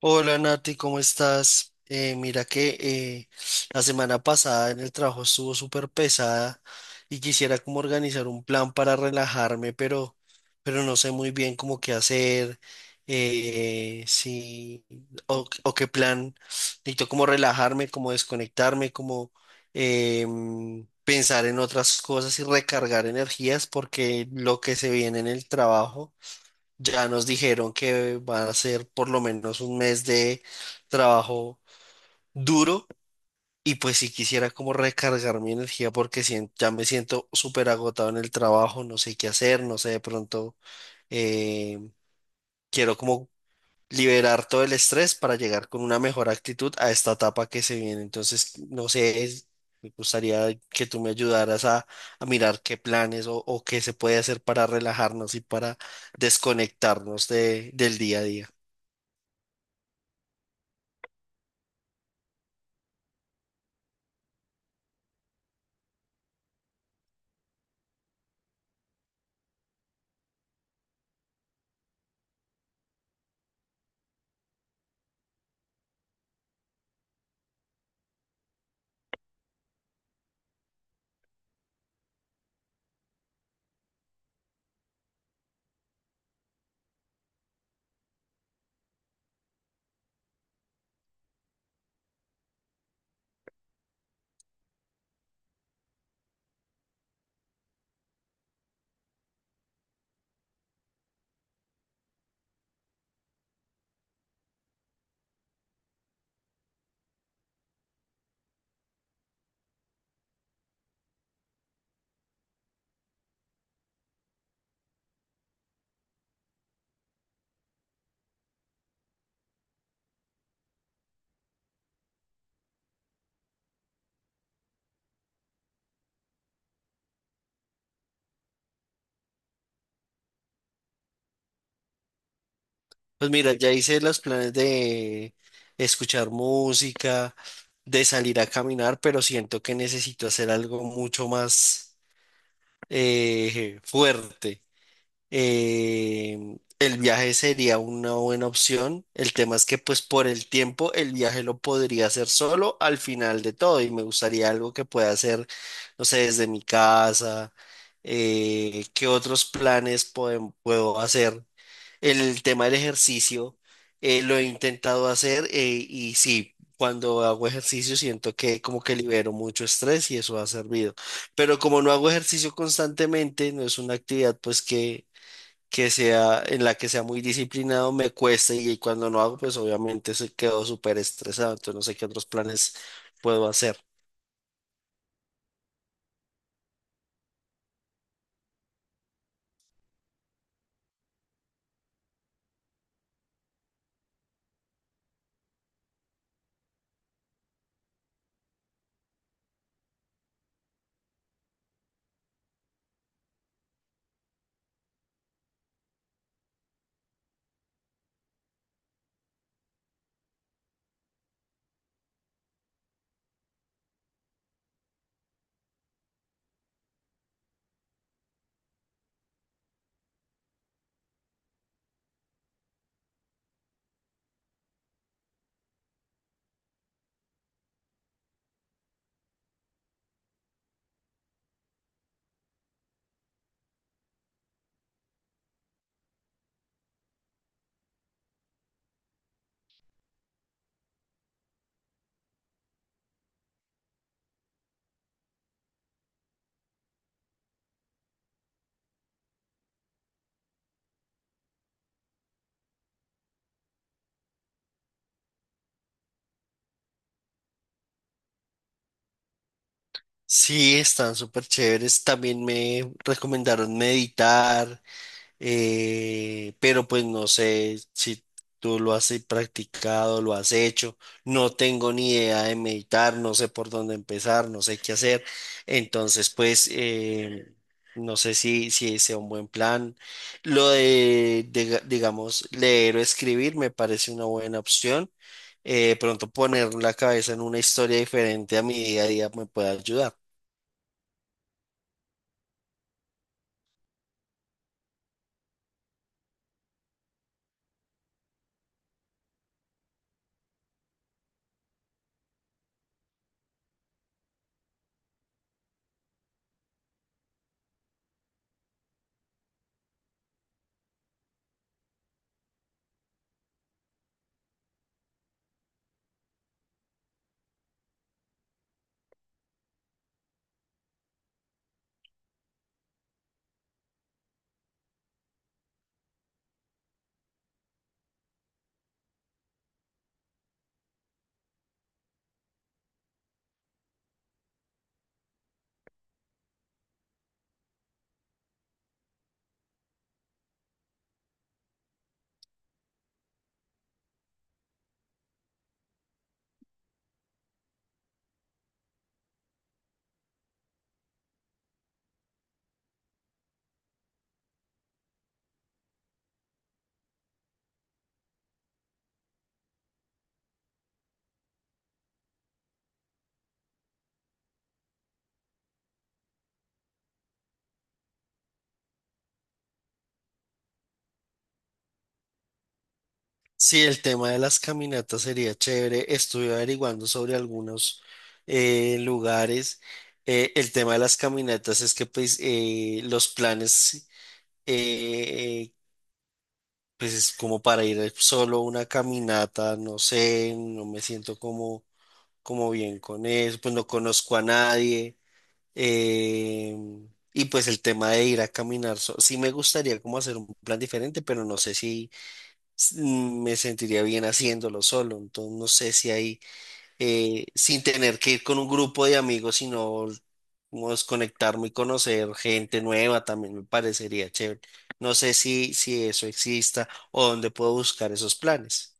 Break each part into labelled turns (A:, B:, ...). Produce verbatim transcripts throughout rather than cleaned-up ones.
A: Hola Nati, ¿cómo estás? Eh, mira que eh, la semana pasada en el trabajo estuvo súper pesada y quisiera como organizar un plan para relajarme, pero, pero no sé muy bien cómo qué hacer, eh, si, o, o qué plan. Necesito como relajarme, como desconectarme, como em, pensar en otras cosas y recargar energías porque lo que se viene en el trabajo. Ya nos dijeron que va a ser por lo menos un mes de trabajo duro y pues si quisiera como recargar mi energía porque sien- ya me siento súper agotado en el trabajo, no sé qué hacer, no sé, de pronto eh, quiero como liberar todo el estrés para llegar con una mejor actitud a esta etapa que se viene. Entonces, no sé, es- me gustaría que tú me ayudaras a, a mirar qué planes o, o qué se puede hacer para relajarnos y para desconectarnos de, del día a día. Pues mira, ya hice los planes de escuchar música, de salir a caminar, pero siento que necesito hacer algo mucho más eh, fuerte. Eh, el viaje sería una buena opción. El tema es que pues por el tiempo el viaje lo podría hacer solo al final de todo y me gustaría algo que pueda hacer, no sé, desde mi casa. Eh, ¿qué otros planes podem- puedo hacer? El tema del ejercicio eh, lo he intentado hacer eh, y sí, cuando hago ejercicio siento que como que libero mucho estrés y eso ha servido. Pero como no hago ejercicio constantemente, no es una actividad pues que, que sea en la que sea muy disciplinado, me cuesta y cuando no hago pues obviamente se quedo súper estresado, entonces no sé qué otros planes puedo hacer. Sí, están súper chéveres. También me recomendaron meditar. Eh, pero pues no sé si tú lo has practicado, lo has hecho, no tengo ni idea de meditar, no sé por dónde empezar, no sé qué hacer, entonces pues eh, no sé si, si sea un buen plan. Lo de, diga- digamos, leer o escribir me parece una buena opción. Eh, pronto poner la cabeza en una historia diferente a mi día a día me puede ayudar. Sí, el tema de las caminatas sería chévere. Estuve averiguando sobre algunos eh, lugares. Eh, el tema de las caminatas es que pues, eh, los planes, eh, pues es como para ir solo a una caminata, no sé, no me siento como, como bien con eso, pues no conozco a nadie. Eh, y pues el tema de ir a caminar, so- sí me gustaría como hacer un plan diferente, pero no sé si s- mm, me sentiría bien haciéndolo solo. Entonces, no sé si ahí eh, sin tener que ir con un grupo de amigos, sino como desconectarme y conocer gente nueva también me parecería chévere. No sé si, si eso exista o dónde puedo buscar esos planes.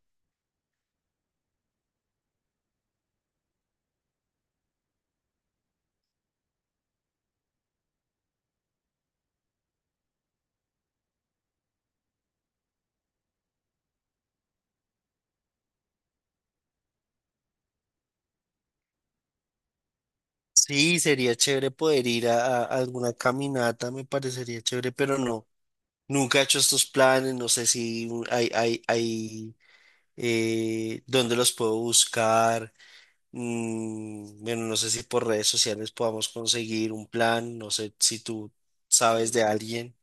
A: Sí, sería chévere poder ir a, a alguna caminata, me parecería chévere, pero no, nunca he hecho estos planes, no sé si un- hay, hay, hay, eh, dónde los puedo buscar. Mm, bueno, no sé si por redes sociales podamos conseguir un plan, no sé si tú sabes de alguien.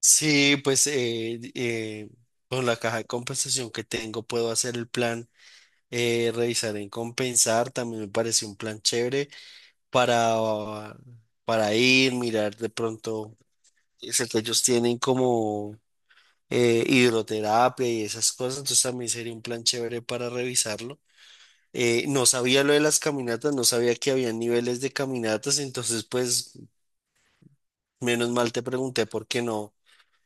A: Sí, pues eh, eh, con la caja de compensación que tengo puedo hacer el plan, eh, revisar en compensar, también me parece un plan chévere para, ah, para ir, mirar de pronto, eh, sé que ellos tienen como eh, hidroterapia y esas cosas, entonces también sería un plan chévere para revisarlo. Eh, no sabía lo de las caminatas, no sabía que había niveles de caminatas, entonces pues menos mal te pregunté porque no,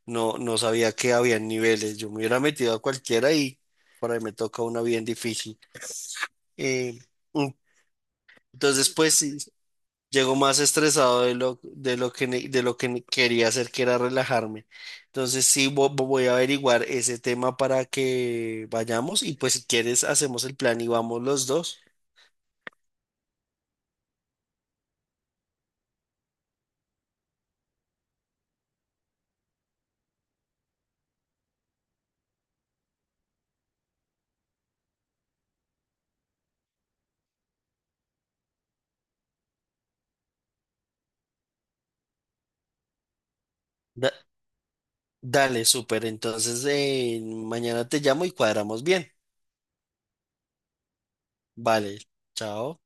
A: no, no sabía que había niveles. Yo me hubiera metido a cualquiera y por ahí me toca una bien difícil. Eh, mm, entonces pues sí, llego más estresado de lo, de lo que, ne- de lo que ne- quería hacer, que era relajarme. Entonces sí, vo- vo- voy a averiguar ese tema para que vayamos y pues si quieres hacemos el plan y vamos los dos. Dale, súper. Entonces, eh, mañana te llamo y cuadramos bien. Vale, chao.